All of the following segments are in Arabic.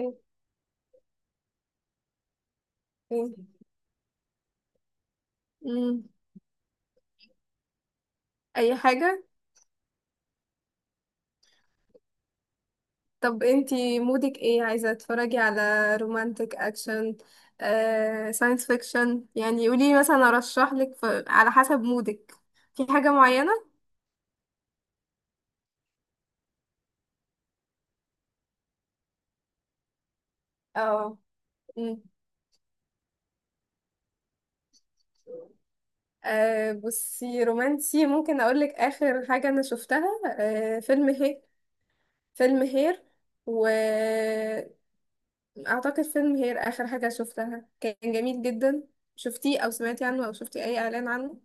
اوكي. مم. اي حاجة. طب انتي مودك ايه؟ عايزة تتفرجي على رومانتك، اكشن، ساينس فيكشن. يعني قولي مثلا ارشح لك، على حسب مودك، في حاجة معينة. اه. مم. بصي رومانسي، ممكن اقولك اخر حاجة انا شفتها. فيلم هي، فيلم هير، واعتقد فيلم هير اخر حاجة شفتها، كان جميل جدا. شفتيه او سمعتي عنه او شفتي اي اعلان عنه؟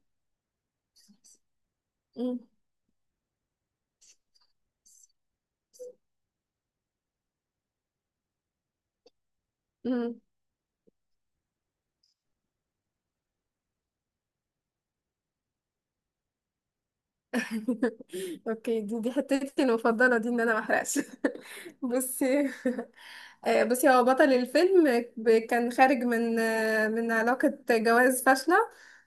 مم. اوكي، دي حتتي المفضله دي، ان انا ما احرقش. بصي. بصي هو بطل الفيلم كان خارج من من علاقه جواز فاشله،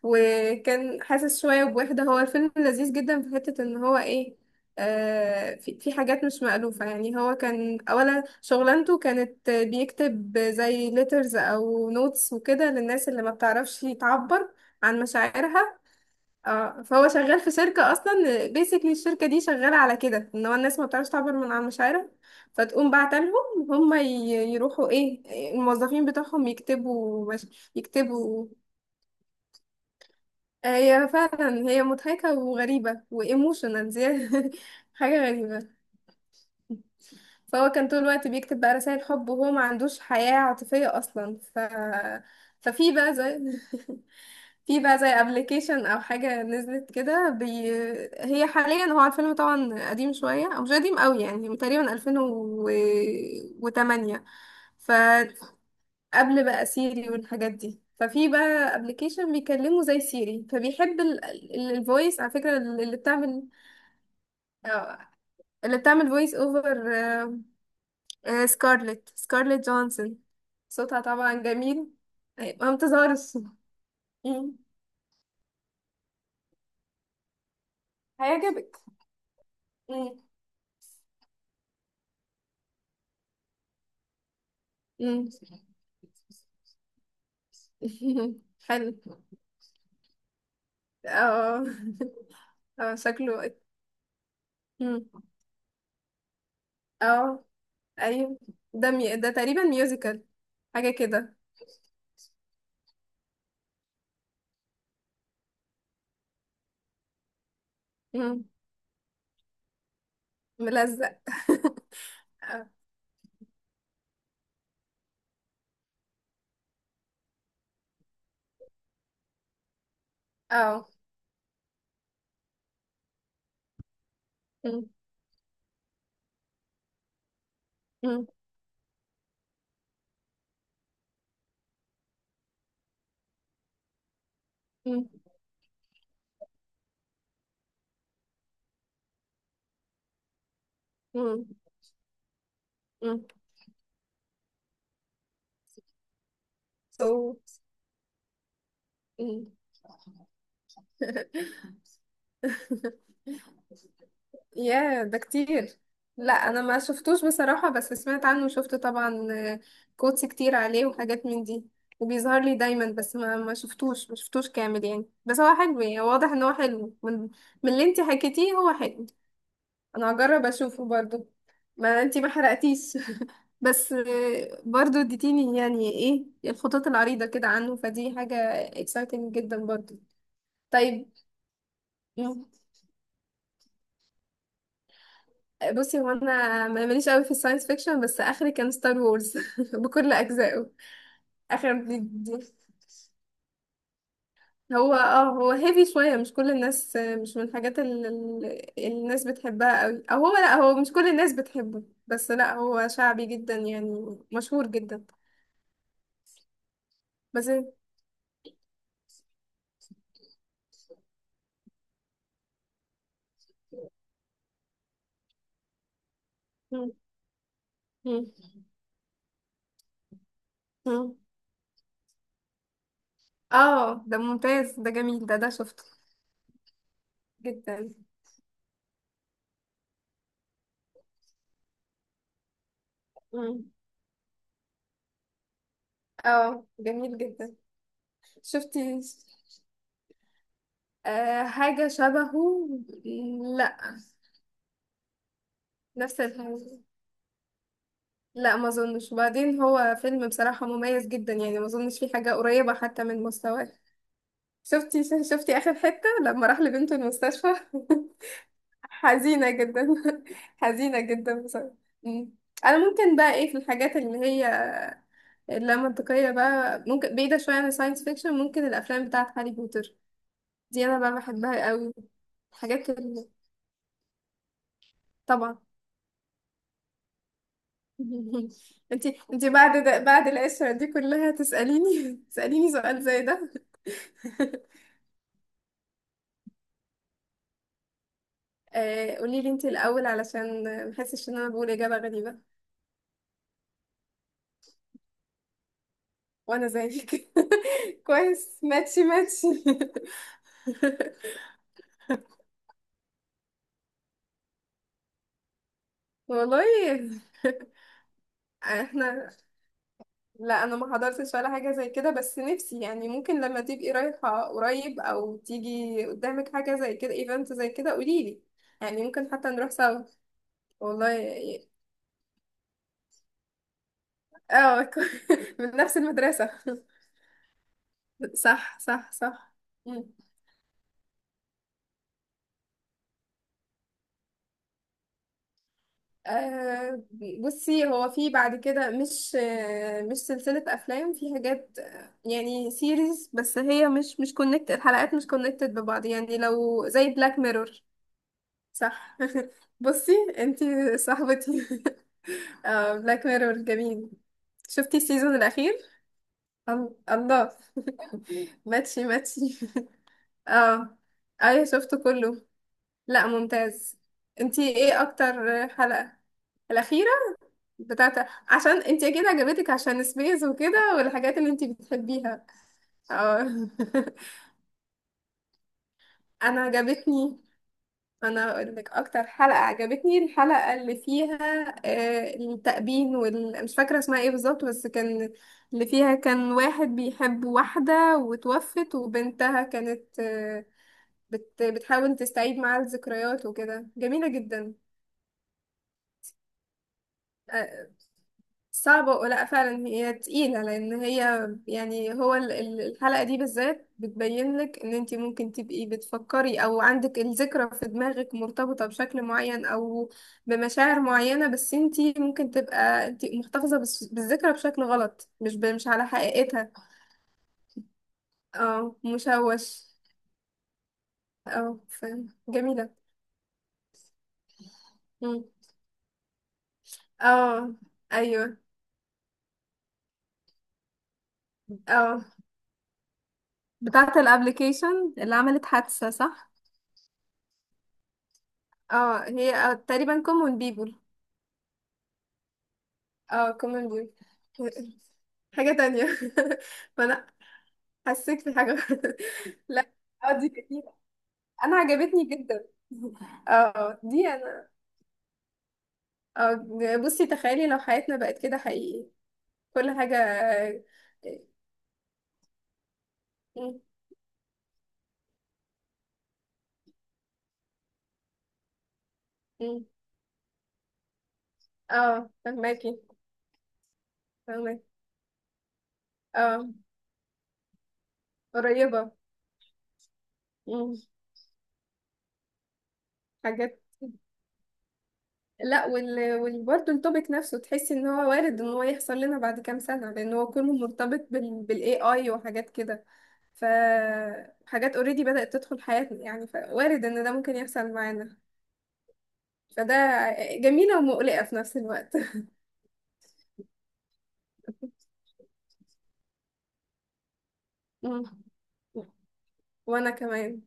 وكان حاسس شويه بوحده. هو الفيلم لذيذ جدا، في حته ان هو ايه. في حاجات مش مألوفة. يعني هو كان أولا شغلانته كانت بيكتب زي letters أو notes وكده، للناس اللي ما بتعرفش تعبر عن مشاعرها. اه، فهو شغال في شركة اصلا، بيسكلي الشركة دي شغالة على كده، ان هو الناس ما بتعرفش تعبر عن مشاعرها. فتقوم بعت لهم. هم يروحوا ايه، الموظفين بتوعهم يكتبوا، مش يكتبوا. هي فعلا هي مضحكة وغريبة وايموشنال زيادة. حاجة غريبة. فهو كان طول الوقت بيكتب بقى رسائل حب، وهو ما عندوش حياة عاطفية اصلا. ففي بقى زي في بقى زي ابلكيشن او حاجه نزلت كده، بي... هي حاليا هو الفيلم طبعا قديم شويه، او مش قديم قوي يعني، تقريبا 2008. فقبل بقى سيري والحاجات دي، ففي بقى ابلكيشن بيكلمه زي سيري، فبيحب الفويس على فكره، اللي بتعمل آه، اللي بتعمل فويس اوفر، سكارلت جونسون. صوتها طبعا جميل. أيوة، ما بتظهرش. مم. هيعجبك. مم. حلو. اه. اه شكله. مم. اه ايوه، ده مي... ده تقريبا ميوزيكال، حاجة كده. مم. ملزق. اه. اه. مم. مم. مم. مم. مم. صوت. مم. ياه ده كتير. لا انا ما شفتوش بصراحة، بس سمعت عنه وشفت طبعا كوتس كتير عليه وحاجات من دي، وبيظهر لي دايما، بس ما شفتوش ما شفتوش كامل يعني. بس هو حلو يعني، واضح ان هو حلو، من، من اللي انتي حكيتيه هو حلو. انا هجرب اشوفه برضو، ما انتي ما حرقتيش. بس برضو اديتيني يعني ايه الخطوط العريضة كده عنه، فدي حاجة exciting جدا برضو. طيب. مم. بصي هو انا ماليش قوي في الساينس فيكشن، بس اخري كان ستار وورز بكل اجزائه. اخر دي، دي. هو هيفي شوية. مش كل الناس، مش من الحاجات اللي الناس بتحبها قوي، او هو لا، هو مش كل الناس بتحبه، بس لا هو شعبي جدا يعني، مشهور جدا. بس. مم. مم. مم. اه ده ممتاز، ده جميل، ده شفته. جدا. مم. اه جميل جدا. شفتي؟ آه حاجة شبهه. لا، نفس الحاجة. لا ما اظنش، وبعدين هو فيلم بصراحة مميز جدا، يعني ما اظنش فيه حاجة قريبة حتى من مستواه. شفتي شفتي آخر حتة لما راح لبنته المستشفى؟ حزينة جدا. حزينة جدا بصراحة. مم. انا ممكن بقى ايه في الحاجات اللي هي اللا منطقية بقى، ممكن بعيدة شوية عن الساينس فيكشن، ممكن الأفلام بتاعة هاري بوتر دي أنا بقى بحبها قوي. الحاجات اللي، طبعا. انتي بعد ده، بعد القشرة دي كلها تسأليني؟ تسأليني سؤال زي ده. قوليلي انتي الأول، علشان محسش إن أنا بقول إجابة غريبة. وأنا زيك. كويس، ماتشي ماتشي. والله. احنا، لا انا ما حضرتش ولا حاجه زي كده، بس نفسي يعني، ممكن لما تبقي رايحه قريب او تيجي قدامك حاجه زي كده، ايفنت زي كده، قوليلي، يعني ممكن حتى نروح سوا. والله اه. من نفس المدرسه. صح صح صح. مم. آه بصي هو في بعد كده، مش سلسله افلام، في حاجات يعني سيريز، بس هي مش كونكتد، الحلقات مش كونكتد ببعض يعني، لو زي بلاك ميرور. صح. بصي انتي صاحبتي. بلاك ميرور جميل. شفتي السيزون الأخير؟ الله. ماتشي ماتشي. اه ايوه شفته كله. لا ممتاز. انتي ايه أكتر حلقة؟ الأخيرة. بتاعت، عشان انتي أكيد عجبتك عشان سبيس وكده والحاجات اللي انتي بتحبيها. اه. أنا عجبتني. انا اقول لك اكتر حلقة عجبتني الحلقة اللي فيها التأبين وال... مش فاكرة اسمها ايه بالظبط، بس كان، اللي فيها كان واحد بيحب واحدة وتوفت، وبنتها كانت بتحاول تستعيد معاه الذكريات وكده. جميلة جدا. آه، صعبة، ولا فعلا هي تقيلة، لأن هي يعني هو الحلقة دي بالذات بتبين لك إن أنت ممكن تبقي بتفكري أو عندك الذكرى في دماغك مرتبطة بشكل معين، أو بمشاعر معينة، بس أنت ممكن تبقى أنت محتفظة بالذكرى بشكل غلط، مش على حقيقتها. اه مشوش. اه جميلة. مم. اه أيوه. اه، بتاعة الابليكيشن اللي عملت حادثة صح؟ اه هي تقريبا common people. اه كومن بوي، حاجة تانية. فأنا حسيت في حاجة. لا. اه دي جميلة، أنا عجبتني جدا. اه دي أنا. اه بصي، تخيلي لو حياتنا بقت كده حقيقي، كل حاجة م- م- اه. فهماكي اه. قريبة. م- حاجات. لا وال... وال... برضه التوبيك نفسه، تحسي ان هو وارد ان هو يحصل لنا بعد كام سنة، لان هو كله مرتبط بال... بالاي اي وحاجات كده. فحاجات اوريدي بدأت تدخل حياتنا يعني، فوارد ان ده ممكن يحصل معانا. فده جميلة ومقلقة في نفس الوقت. مم. وانا كمان،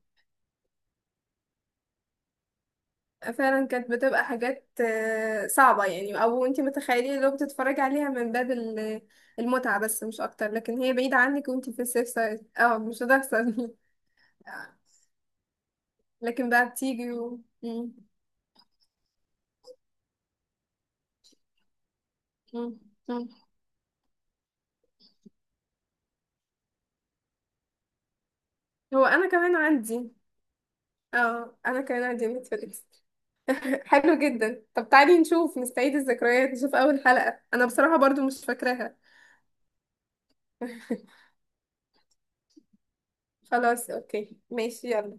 فعلا كانت بتبقى حاجات صعبة يعني، او انت متخيلين لو بتتفرجي عليها من باب المتعة، بس مش اكتر، لكن هي بعيدة عنك وانت في السيف سايد، اه مش هتحصل. لكن بقى بتيجي و... مم. مم. مم. هو انا كمان عندي. اه انا كمان عندي نتفليكس. حلو جدا، طب تعالي نشوف، نستعيد الذكريات، نشوف اول حلقة، انا بصراحة برضو مش فاكراها. خلاص اوكي ماشي يلا.